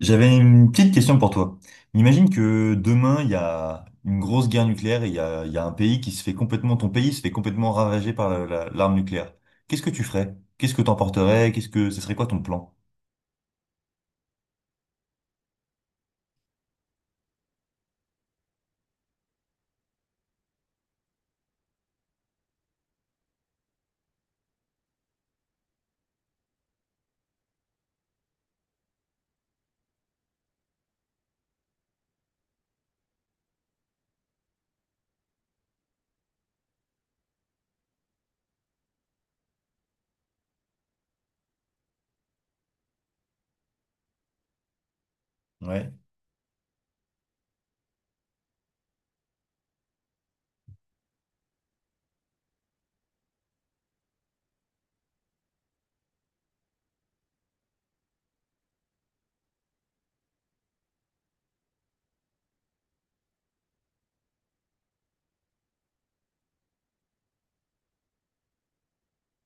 J'avais une petite question pour toi. Imagine que demain, il y a une grosse guerre nucléaire et il y a un pays qui se fait complètement, ton pays se fait complètement ravager par l'arme nucléaire. Qu'est-ce que tu ferais? Qu'est-ce que t'emporterais? Ce serait quoi ton plan? Ouais.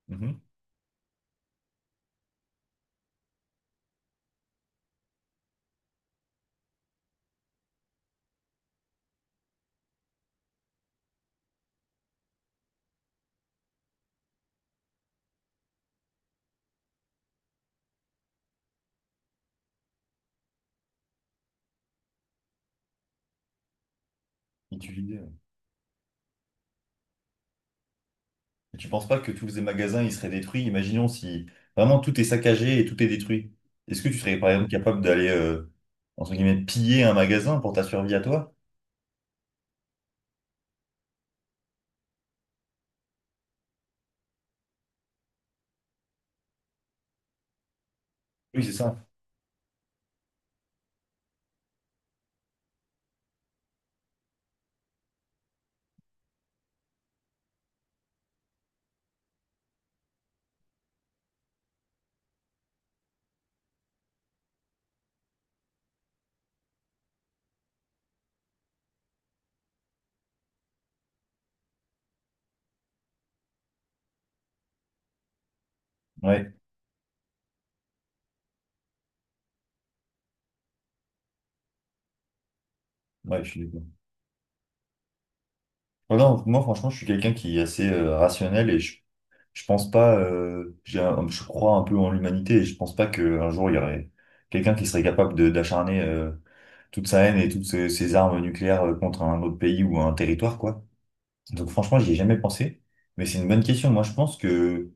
Mhm. Et tu, et tu penses pas que tous les magasins, ils seraient détruits? Imaginons si vraiment tout est saccagé et tout est détruit. Est-ce que tu serais par exemple capable d'aller, entre guillemets, piller un magasin pour ta survie à toi? Oui, c'est ça. Ouais, ouais, je suis d'accord. Ouais, moi, franchement, je suis quelqu'un qui est assez rationnel et je pense pas, je crois un peu en l'humanité et je pense pas qu'un jour il y aurait quelqu'un qui serait capable d'acharner toute sa haine et toutes ses armes nucléaires contre un autre pays ou un territoire, quoi. Donc, franchement, j'y ai jamais pensé, mais c'est une bonne question. Moi, je pense que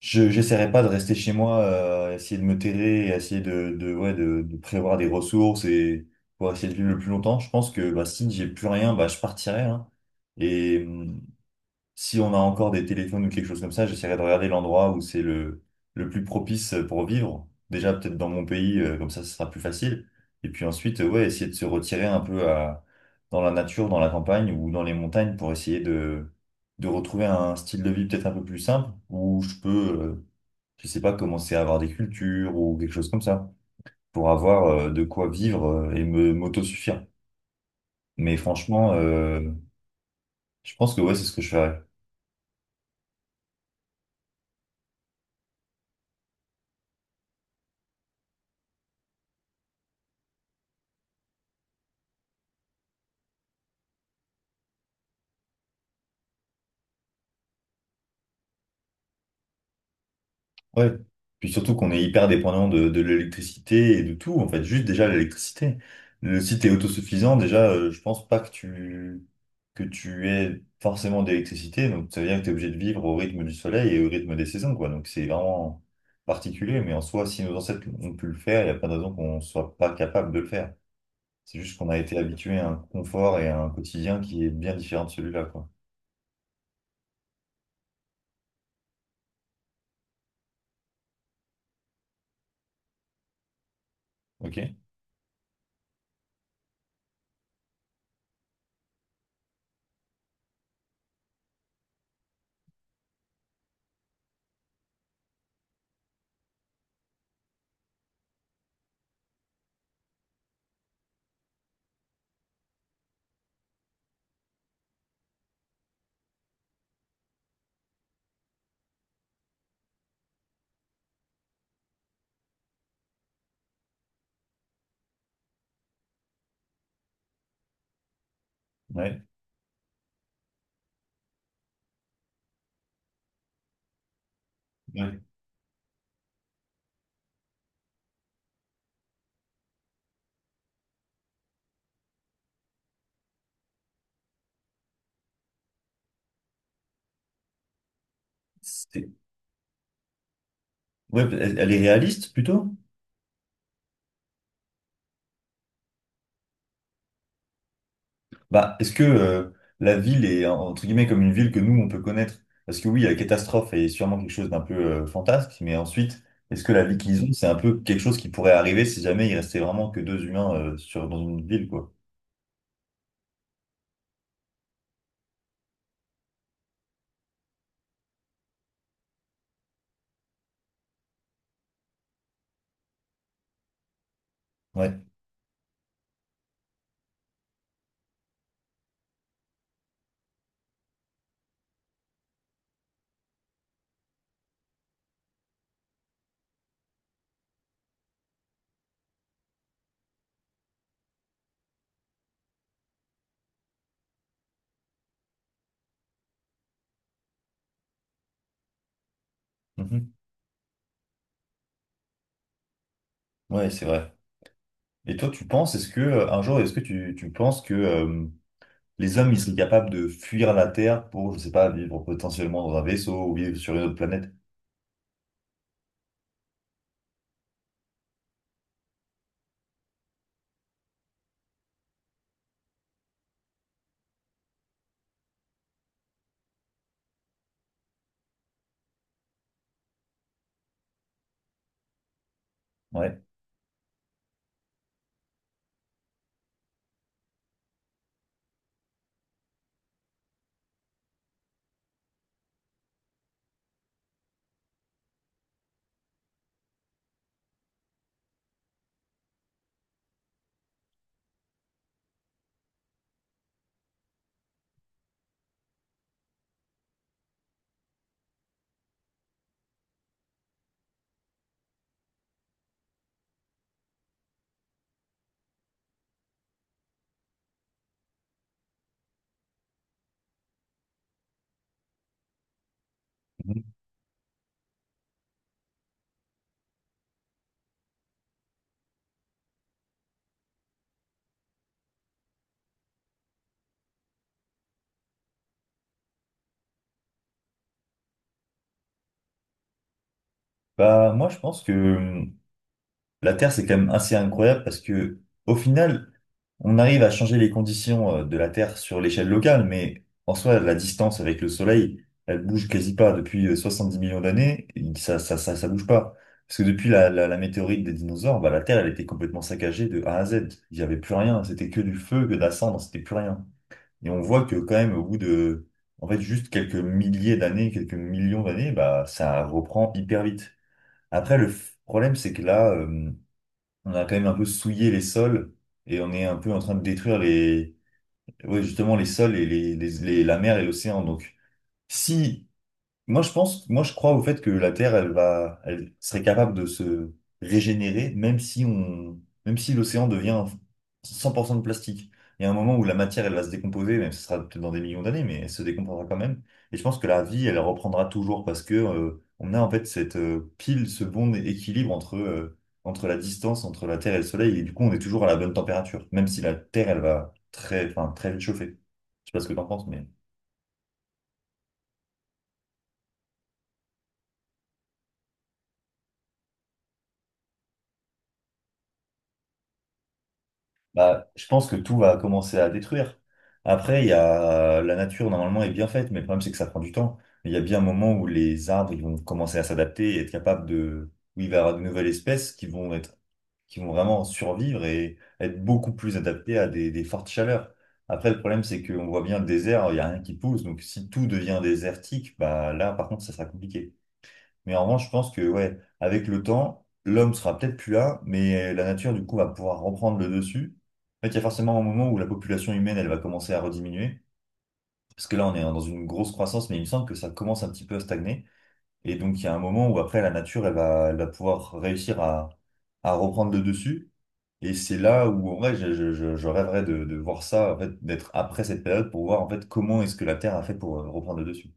j'essaierai pas de rester chez moi, essayer de me terrer et essayer ouais, de prévoir des ressources et pour essayer de vivre le plus longtemps. Je pense que bah, si j'ai plus rien, bah, je partirai, hein. Et, si on a encore des téléphones ou quelque chose comme ça, j'essaierai de regarder l'endroit où c'est le plus propice pour vivre. Déjà, peut-être dans mon pays, comme ça, ce sera plus facile. Et puis ensuite, ouais, essayer de se retirer un peu dans la nature, dans la campagne ou dans les montagnes pour essayer de retrouver un style de vie peut-être un peu plus simple où je peux, je sais pas, commencer à avoir des cultures ou quelque chose comme ça pour avoir de quoi vivre et me m'autosuffire. Mais franchement, je pense que ouais, c'est ce que je ferais. Ouais. Puis surtout qu'on est hyper dépendant de l'électricité et de tout, en fait, juste déjà l'électricité. Le si t'es autosuffisant, déjà, je pense pas que tu aies forcément d'électricité, donc ça veut dire que t'es obligé de vivre au rythme du soleil et au rythme des saisons, quoi. Donc c'est vraiment particulier, mais en soi, si nos ancêtres ont pu le faire, il n'y a pas de raison qu'on soit pas capable de le faire. C'est juste qu'on a été habitué à un confort et à un quotidien qui est bien différent de celui-là, quoi. Ok? Ouais. Ouais. C'est- ouais, elle est réaliste plutôt? Bah, est-ce que la ville est entre guillemets comme une ville que nous on peut connaître? Parce que oui, la catastrophe est sûrement quelque chose d'un peu fantasque, mais ensuite, est-ce que la vie qu'ils ont, c'est un peu quelque chose qui pourrait arriver si jamais il restait vraiment que deux humains sur dans une ville, quoi? Ouais. Mhm. Ouais, c'est vrai. Et toi, tu penses, est-ce que un jour, est-ce que tu penses que les hommes ils seraient capables de fuir la Terre pour, je sais pas, vivre potentiellement dans un vaisseau ou vivre sur une autre planète? Ouais. Mhm. Bah moi, je pense que la Terre, c'est quand même assez incroyable parce que, au final, on arrive à changer les conditions de la Terre sur l'échelle locale, mais en soi, la distance avec le Soleil, elle bouge quasi pas. Depuis 10 millions d'années, ça bouge pas. Parce que depuis la météorite des dinosaures, bah, la Terre, elle était complètement saccagée de A à Z. Il n'y avait plus rien. C'était que du feu, que de la cendre, c'était plus rien. Et on voit que quand même, en fait, juste quelques milliers d'années, quelques millions d'années, bah, ça reprend hyper vite. Après, problème, c'est que là, on a quand même un peu souillé les sols et on est un peu en train de détruire ouais, justement les sols et la mer et l'océan. Donc, si moi, je pense, moi, je crois au fait que la Terre, elle serait capable de se régénérer, même si l'océan devient 100% de plastique. Il y a un moment où la matière, elle va se décomposer, même si ce sera peut-être dans des millions d'années, mais elle se décomposera quand même. Et je pense que la vie, elle reprendra toujours parce que, on a en fait cette pile, ce bon équilibre entre, entre la distance entre la Terre et le Soleil. Et du coup, on est toujours à la bonne température, même si la Terre, elle va très, enfin, très vite chauffer. Je sais pas ce que t'en penses, mais. Bah, je pense que tout va commencer à détruire. Après, il y a la nature normalement est bien faite, mais le problème c'est que ça prend du temps. Il y a bien un moment où les arbres ils vont commencer à s'adapter et être capables de, où il va y avoir de nouvelles espèces qui vont être, qui vont vraiment survivre et être beaucoup plus adaptées à des fortes chaleurs. Après, le problème c'est qu'on voit bien le désert, il y a rien qui pousse, donc si tout devient désertique, bah là par contre ça sera compliqué. Mais en revanche, je pense que, ouais, avec le temps, l'homme sera peut-être plus là, mais la nature, du coup, va pouvoir reprendre le dessus. En fait, il y a forcément un moment où la population humaine, elle va commencer à rediminuer. Parce que là, on est dans une grosse croissance, mais il me semble que ça commence un petit peu à stagner. Et donc, il y a un moment où après, la nature, elle va pouvoir réussir à reprendre le dessus. Et c'est là où, en vrai, je rêverais de voir ça, en fait, d'être après cette période pour voir, en fait, comment est-ce que la Terre a fait pour reprendre le dessus.